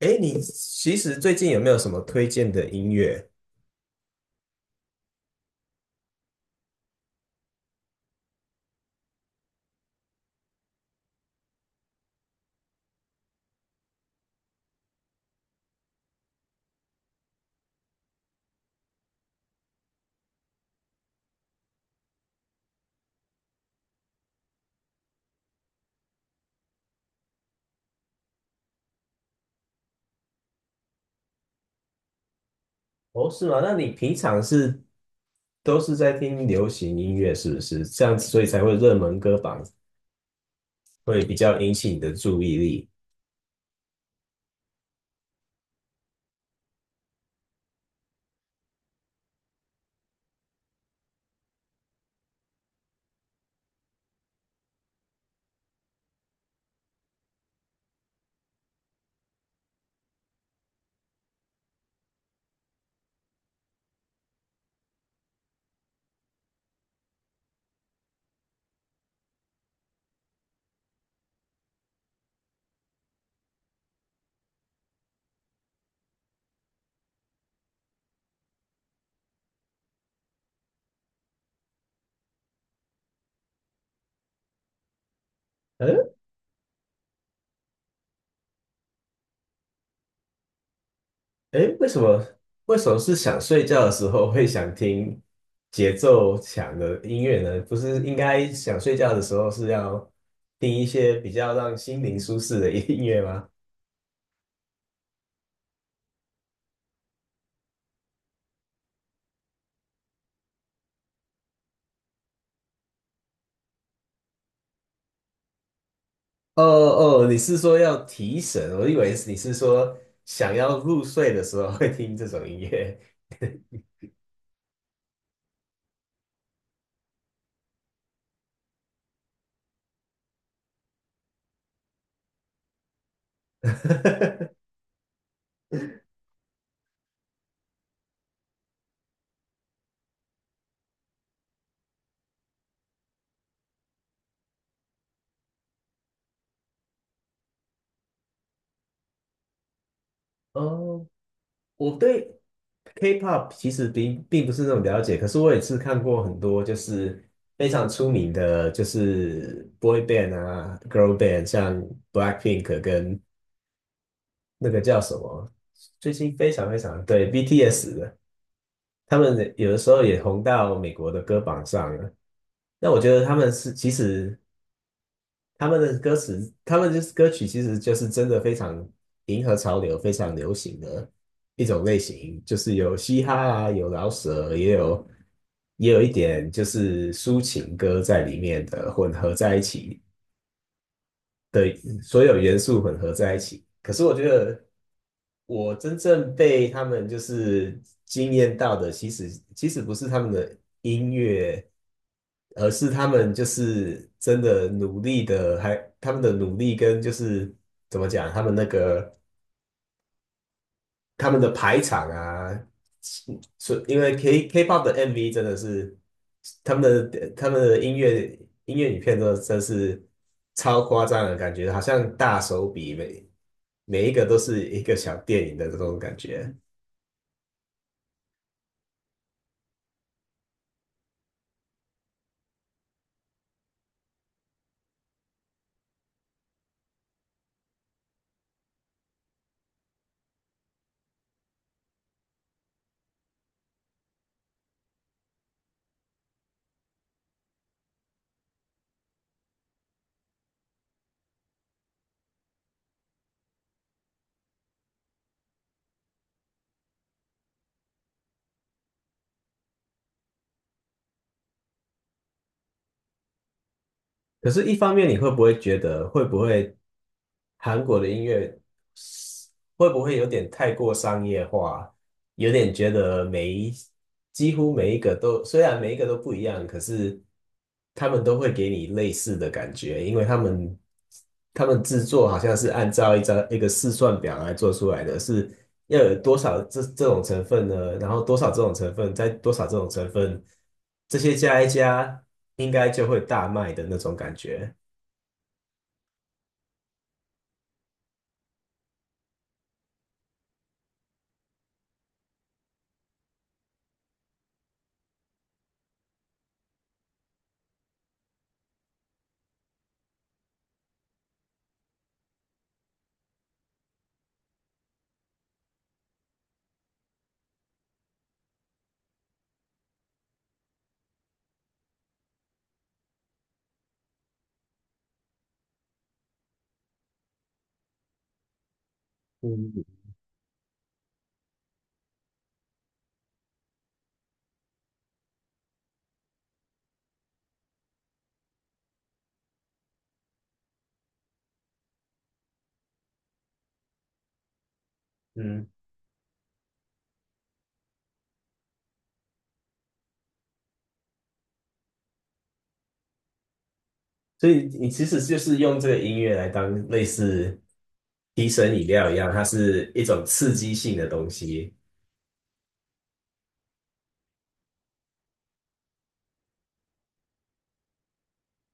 哎，你其实最近有没有什么推荐的音乐？哦，是吗？那你平常都是在听流行音乐，是不是？这样子，所以才会热门歌榜会比较引起你的注意力。嗯，哎，为什么？为什么是想睡觉的时候会想听节奏强的音乐呢？不是应该想睡觉的时候是要听一些比较让心灵舒适的音乐吗？哦哦，你是说要提神？我以为你是说想要入睡的时候会听这种音乐。哦，我对 K-pop 其实并不是那么了解，可是我也是看过很多就是非常出名的，就是 boy band 啊，girl band,像 Blackpink 跟那个叫什么，最近非常非常对 BTS 的，他们有的时候也红到美国的歌榜上了。那我觉得他们是其实他们的歌词，他们就是歌曲，其实就是真的非常迎合潮流、非常流行的一种类型，就是有嘻哈啊，有饶舌，也有一点就是抒情歌在里面的混合在一起。的所有元素混合在一起。可是我觉得，我真正被他们就是惊艳到的，其实不是他们的音乐，而是他们就是真的努力的，还他们的努力跟就是怎么讲，他们那个他们的排场啊，所因为 K-pop 的 MV 真的是他们他们的音乐影片都真是超夸张的感觉，好像大手笔每一个都是一个小电影的这种感觉。可是，一方面你会不会觉得会不会韩国的音乐会不会有点太过商业化？有点觉得几乎每一个都，虽然每一个都不一样，可是他们都会给你类似的感觉，因为他们制作好像是按照一个试算表来做出来的，是要有多少这种成分呢？然后多少这种成分，再多少这种成分，这些加一加，应该就会大卖的那种感觉。嗯嗯，所以你其实就是用这个音乐来当类似提神饮料一样，它是一种刺激性的东西。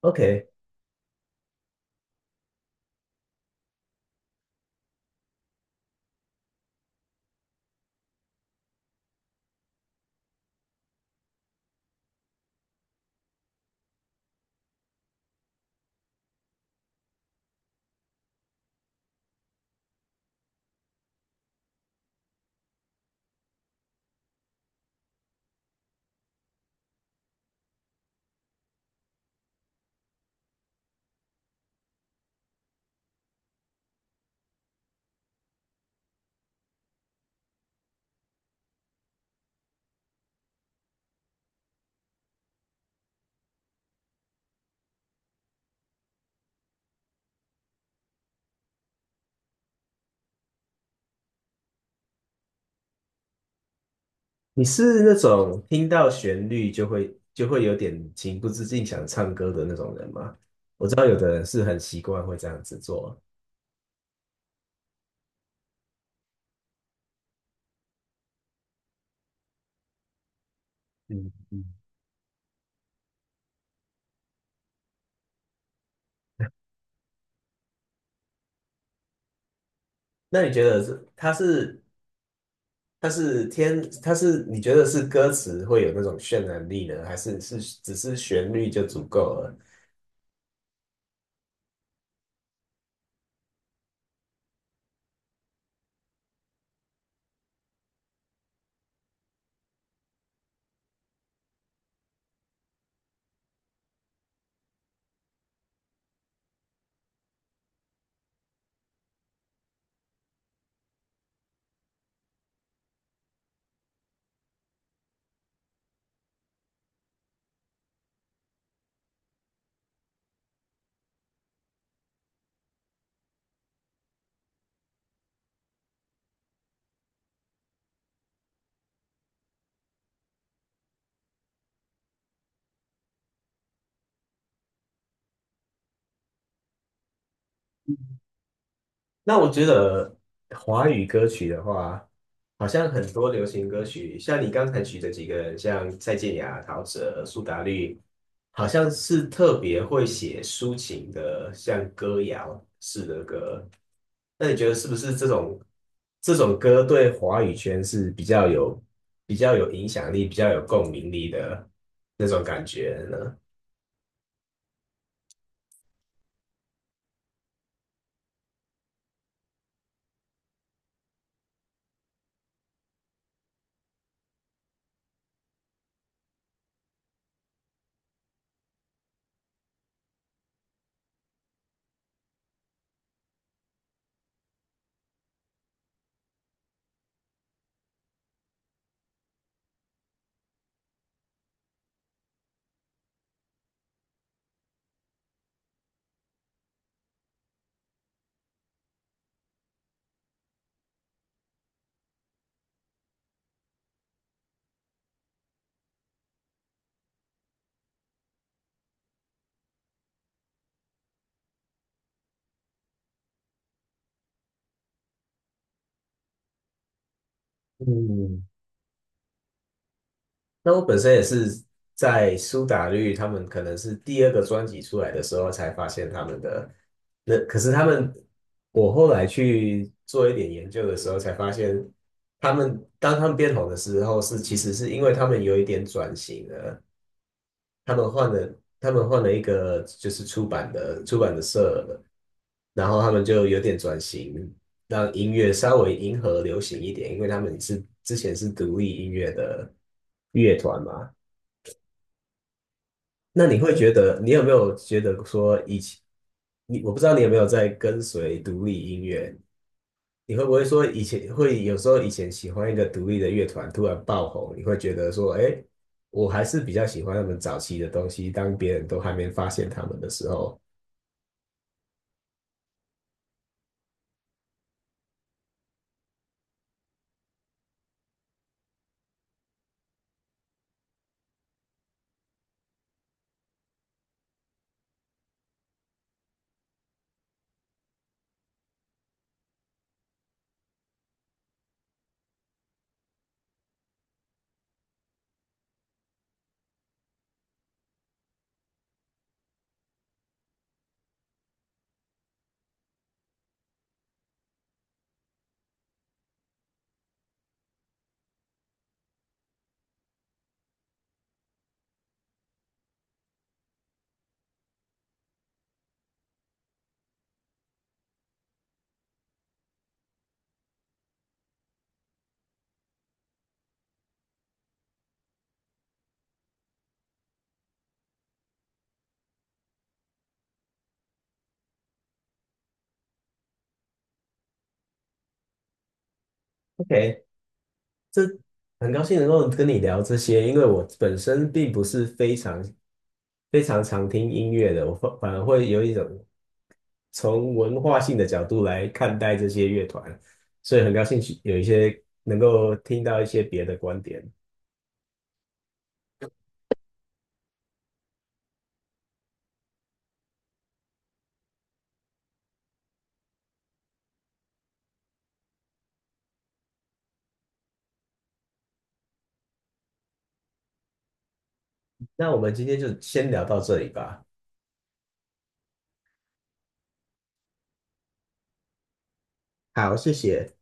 OK,你是那种听到旋律就会有点情不自禁想唱歌的那种人吗？我知道有的人是很习惯会这样子做。嗯嗯。那你觉得是它是它是天它是你觉得是歌词会有那种渲染力呢，还是只是旋律就足够了？那我觉得华语歌曲的话，好像很多流行歌曲，像你刚才举的几个人，像蔡健雅、陶喆、苏打绿，好像是特别会写抒情的，像歌谣式的歌。那你觉得是不是这种歌对华语圈是比较有影响力、比较有共鸣力的那种感觉呢？嗯。那我本身也是在苏打绿他们可能是第二个专辑出来的时候才发现他们的，那可是他们，我后来去做一点研究的时候才发现，当他们变红的时候其实是因为他们有一点转型了，他们换了一个就是出版的社了，然后他们就有点转型，让音乐稍微迎合流行一点，因为他们之前是独立音乐的乐团嘛。那你会觉得，你有没有觉得说以前，我不知道你有没有在跟随独立音乐，你会不会说以前会有时候以前喜欢一个独立的乐团突然爆红，你会觉得说，哎，我还是比较喜欢他们早期的东西，当别人都还没发现他们的时候，OK,这很高兴能够跟你聊这些，因为我本身并不是非常非常常听音乐的，我反而会有一种。从文化性的角度来看待这些乐团，所以很高兴有一些能够听到一些别的观点。那我们今天就先聊到这里吧。好，谢谢。